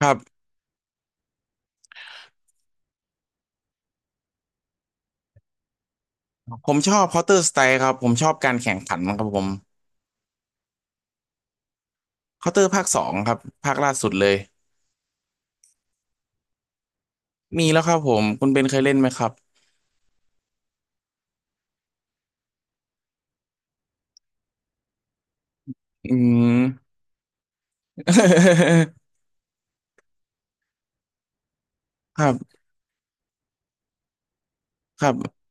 ครับผมชอบ Counter Strike ครับผมชอบการแข่งขันครับผม Counter ภาคสองครับภาคล่าสุดเลยมีแล้วครับผมคุณเบนเคยเล่นไหมครับอืม ครับครับ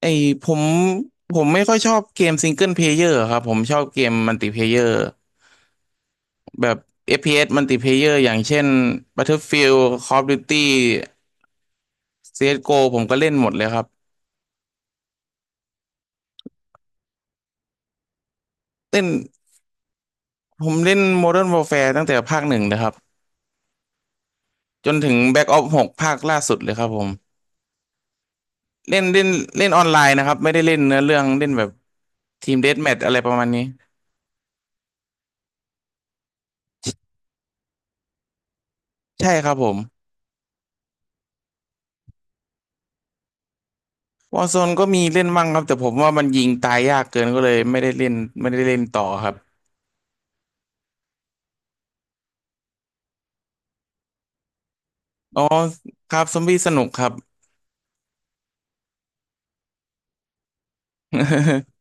ไอผมผมไม่ค่อยชอบเกมซิงเกิลเพลเยอร์ครับผมชอบเกมมัลติเพลเยอร์แบบ FPS มัลติเพลเยอร์อย่างเช่น Battlefield Call of Duty CSGO ผมก็เล่นหมดเลยครับเล่นผมเล่น Modern Warfare ตั้งแต่ภาคหนึ่งเลยครับจนถึง Black Ops 6ภาคล่าสุดเลยครับผม เล่นเล่นเล่นออนไลน์นะครับไม่ได้เล่นเนื้อเรื่องเล่นแบบทีมเดธแมทอะไรประมาณนี้ใช่ครับผมวอ r z โซนก็มีเล่นมั่งครับแต่ผมว่ามันยิงตายยากเกินก็เลยไม่ได้เล่นไม่ได้เล่นต่อครับอ๋อครับซอมบี้สนุกครับ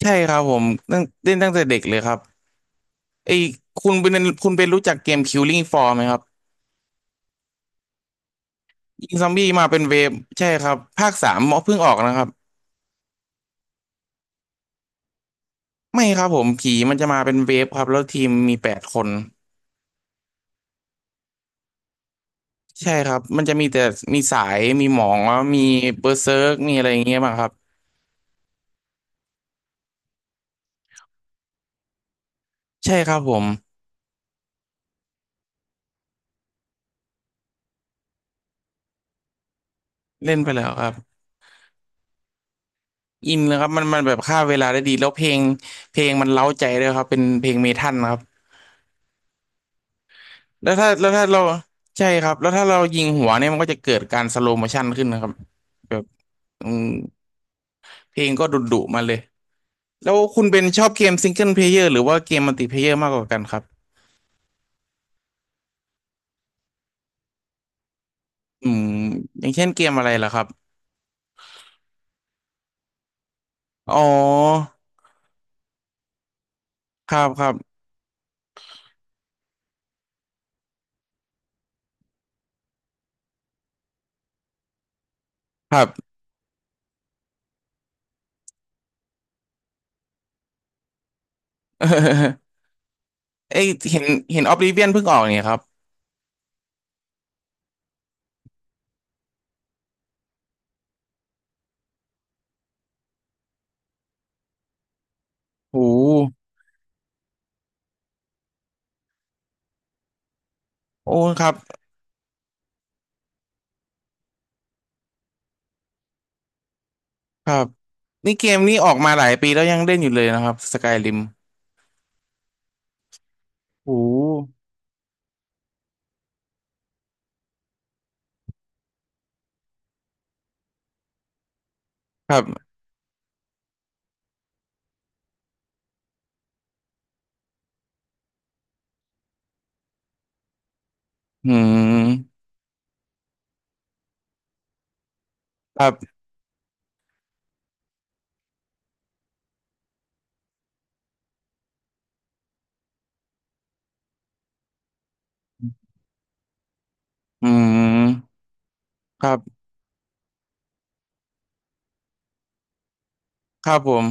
ใช่ครับผมเล่นตั้งแต่เด็กเลยครับไอ้ยคุณเป็นคุณเป็นรู้จักเกม Killing Floor ไหมครับยิงซอมบี้มาเป็นเวฟใช่ครับภาคสามเพิ่งออกนะครับไม่ครับผมผีมันจะมาเป็นเวฟครับแล้วทีมมี8 คน ใช่ครับมันจะมีแต่มีสาย มีหมองมีเบอร์เซิร์กมีอะไรอย่างเงี้ยบ้างครับใช่ครับผม เล่นไปแล้วครับอินเลยครับมันแบบฆ่าเวลาได้ดีแล้วเพลงมันเร้าใจด้วยครับเป็นเพลงเมทัลนะครับแล้วถ้าแล้วถ้าเราใช่ครับ แล้วถ้าเรายิงหัวเนี่ยมันก็จะเกิดการสโลว์โมชั่นขึ้นนะครับแบบอืมเพลงก็ดุดุมาเลยแล้วคุณเป็นชอบเกมซิงเกิลเพลเยอร์หรือว่าเกมมัลติเพลเยอร์มากกว่ากันครับอืมอย่างเช่นเกมอะไรล่ะครับอ๋อครับครับครับ เอ้ยเห็นออ bli เวียนเพิ่งออกเนี่ยครับ โอ้โอ้ครับครับ นี่เกมนี้ออกมาหลายปีแล้วยังเล่นอยู่เลยนะครับสกายริมโอ้ครับอืมครับอืมครับ ครับผม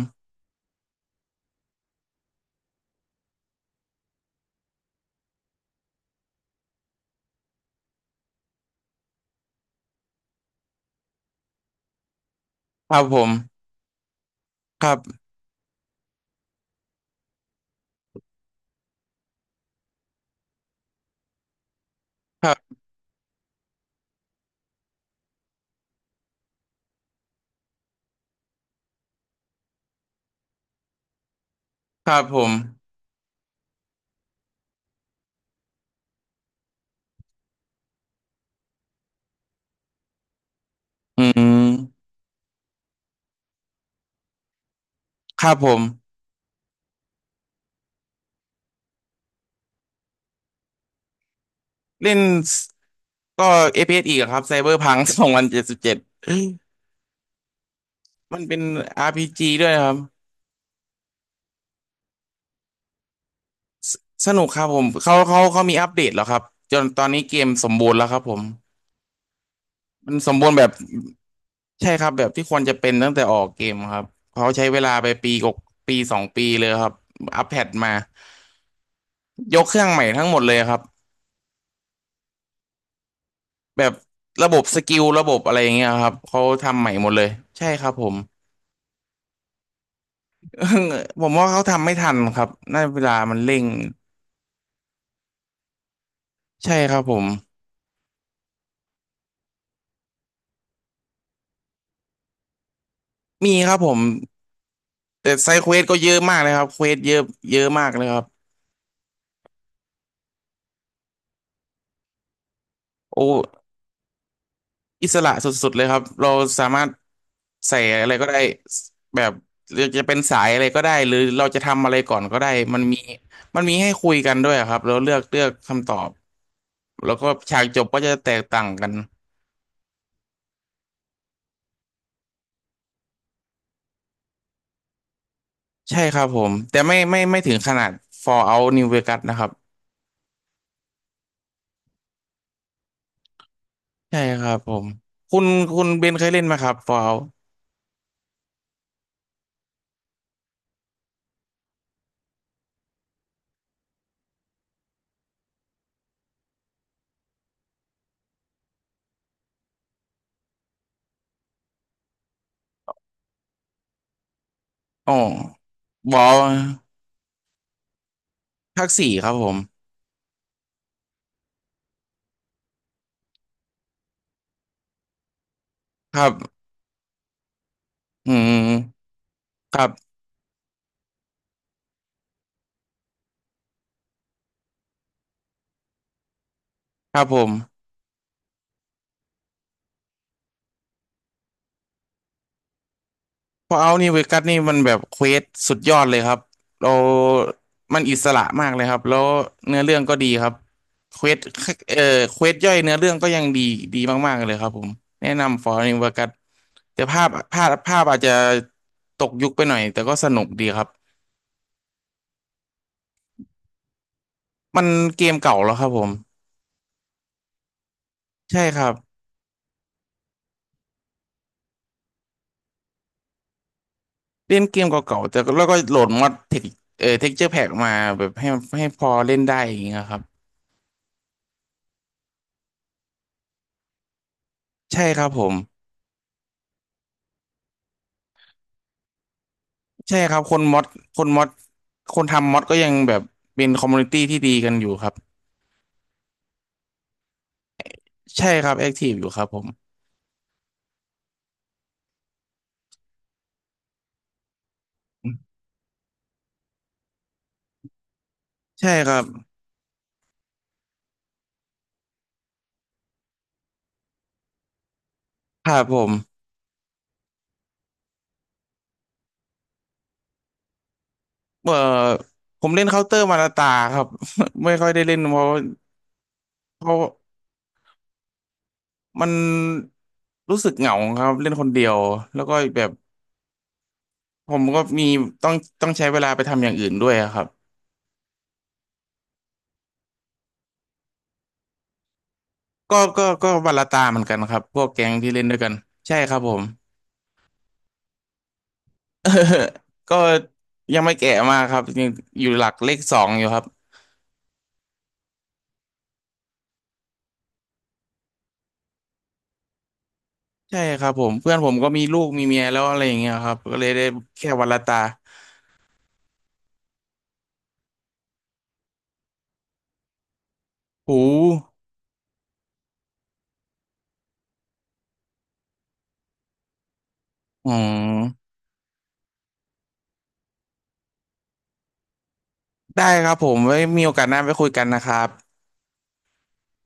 ครับผม ครับครับครับผมอืมครับผมเล่นสก็ FPS อฟพีเอสอีกอะครับไซเบอร์พัง2077มันเป็น RPG ด้วยนะครับ สนุกครับผมเขามีอัปเดตแล้วครับ จนตอนนี้เกมสมบูรณ์แล้วครับผม มันสมบูรณ์แบบใช่ครับแบบที่ควรจะเป็นตั้งแต่ออกเกมครับเขาใช้เวลาไปปีกบปีสองปีเลยครับอัปเดตมายกเครื่องใหม่ทั้งหมดเลยครับแบบระบบสกิลระบบอะไรอย่างเงี้ยครับเขาทำใหม่หมดเลยใช่ครับผม ผมว่าเขาทำไม่ทันครับน่าเวลามันเร่งใช่ครับผมมีครับผมแต่ไซด์เควสก็เยอะมากเลยครับเควสเยอะเยอะมากเลยครับโอ้ อิสระสุดๆ เลยครับเราสามารถใส่อะไรก็ได้แบบจะเป็นสายอะไรก็ได้หรือเราจะทำอะไรก่อนก็ได้มันมีมันมีให้คุยกันด้วยครับเราเลือกคำตอบแล้วก็ฉากจบก็จะแตกต่างกันใช่ครับผมแต่ไม่ถึงขนาด Fallout New Vegas นะครับใช่ครับผมคุณคุณเบนเคยเล่นไหมครับ Fallout อ๋อบอภาคสี่ครับผมครับอืมครับครับผม พอเอานี่เวกัสนี่มันแบบเควสสุดยอดเลยครับเรามันอิสระมากเลยครับ แล้วเนื้อเรื่องก็ดีครับเควสเอ่อเควสย่อยเนื้อเรื่องก็ยังดีดีมากๆเลยครับผมแนะนำฟอร์นิเวกัสแต่ภาพอาจจะตกยุคไปหน่อยแต่ก็สนุกดีครับ มันเกมเก่าแล้วครับผม ใช่ครับ เล่นเกมเก่าๆแต่แล้วก็โหลดมอดเท็กเจอร์แพกมาแบบให้พอเล่นได้อย่างเงี้ยครับใช่ครับผม ใช่ครับคนมอดคนทำมอดก็ยังแบบเป็นคอมมูนิตี้ที่ดีกันอยู่ครับใช่ครับแอคทีฟอยู่ครับผมใช่ครับครับผมเอ่อผมเล่นเคาน์เตอร์มาตาครับ ไม่ค่อยได้เล่นเพราะมันรู้สึกเหงาครับเล่นคนเดียวแล้วก็แบบผมก็มีต้องต้องใช้เวลาไปทำอย่างอื่นด้วยอะครับก็วาลาตาเหมือนกันครับพวกแก๊งที่เล่นด้วยกันใช่ครับผม เออก็ยังไม่แก่มากครับยังอยู่หลักเลขสองอยู่ครับใช่ครับผมเพื่อนผมก็มีลูกมีเมียแล้วอะไรอย่างเงี้ยครับก็เลยได้แค่วันละตาหูอืมได้ครับผมไว้มีโอกาสหน้าไปคุยกันนะครับ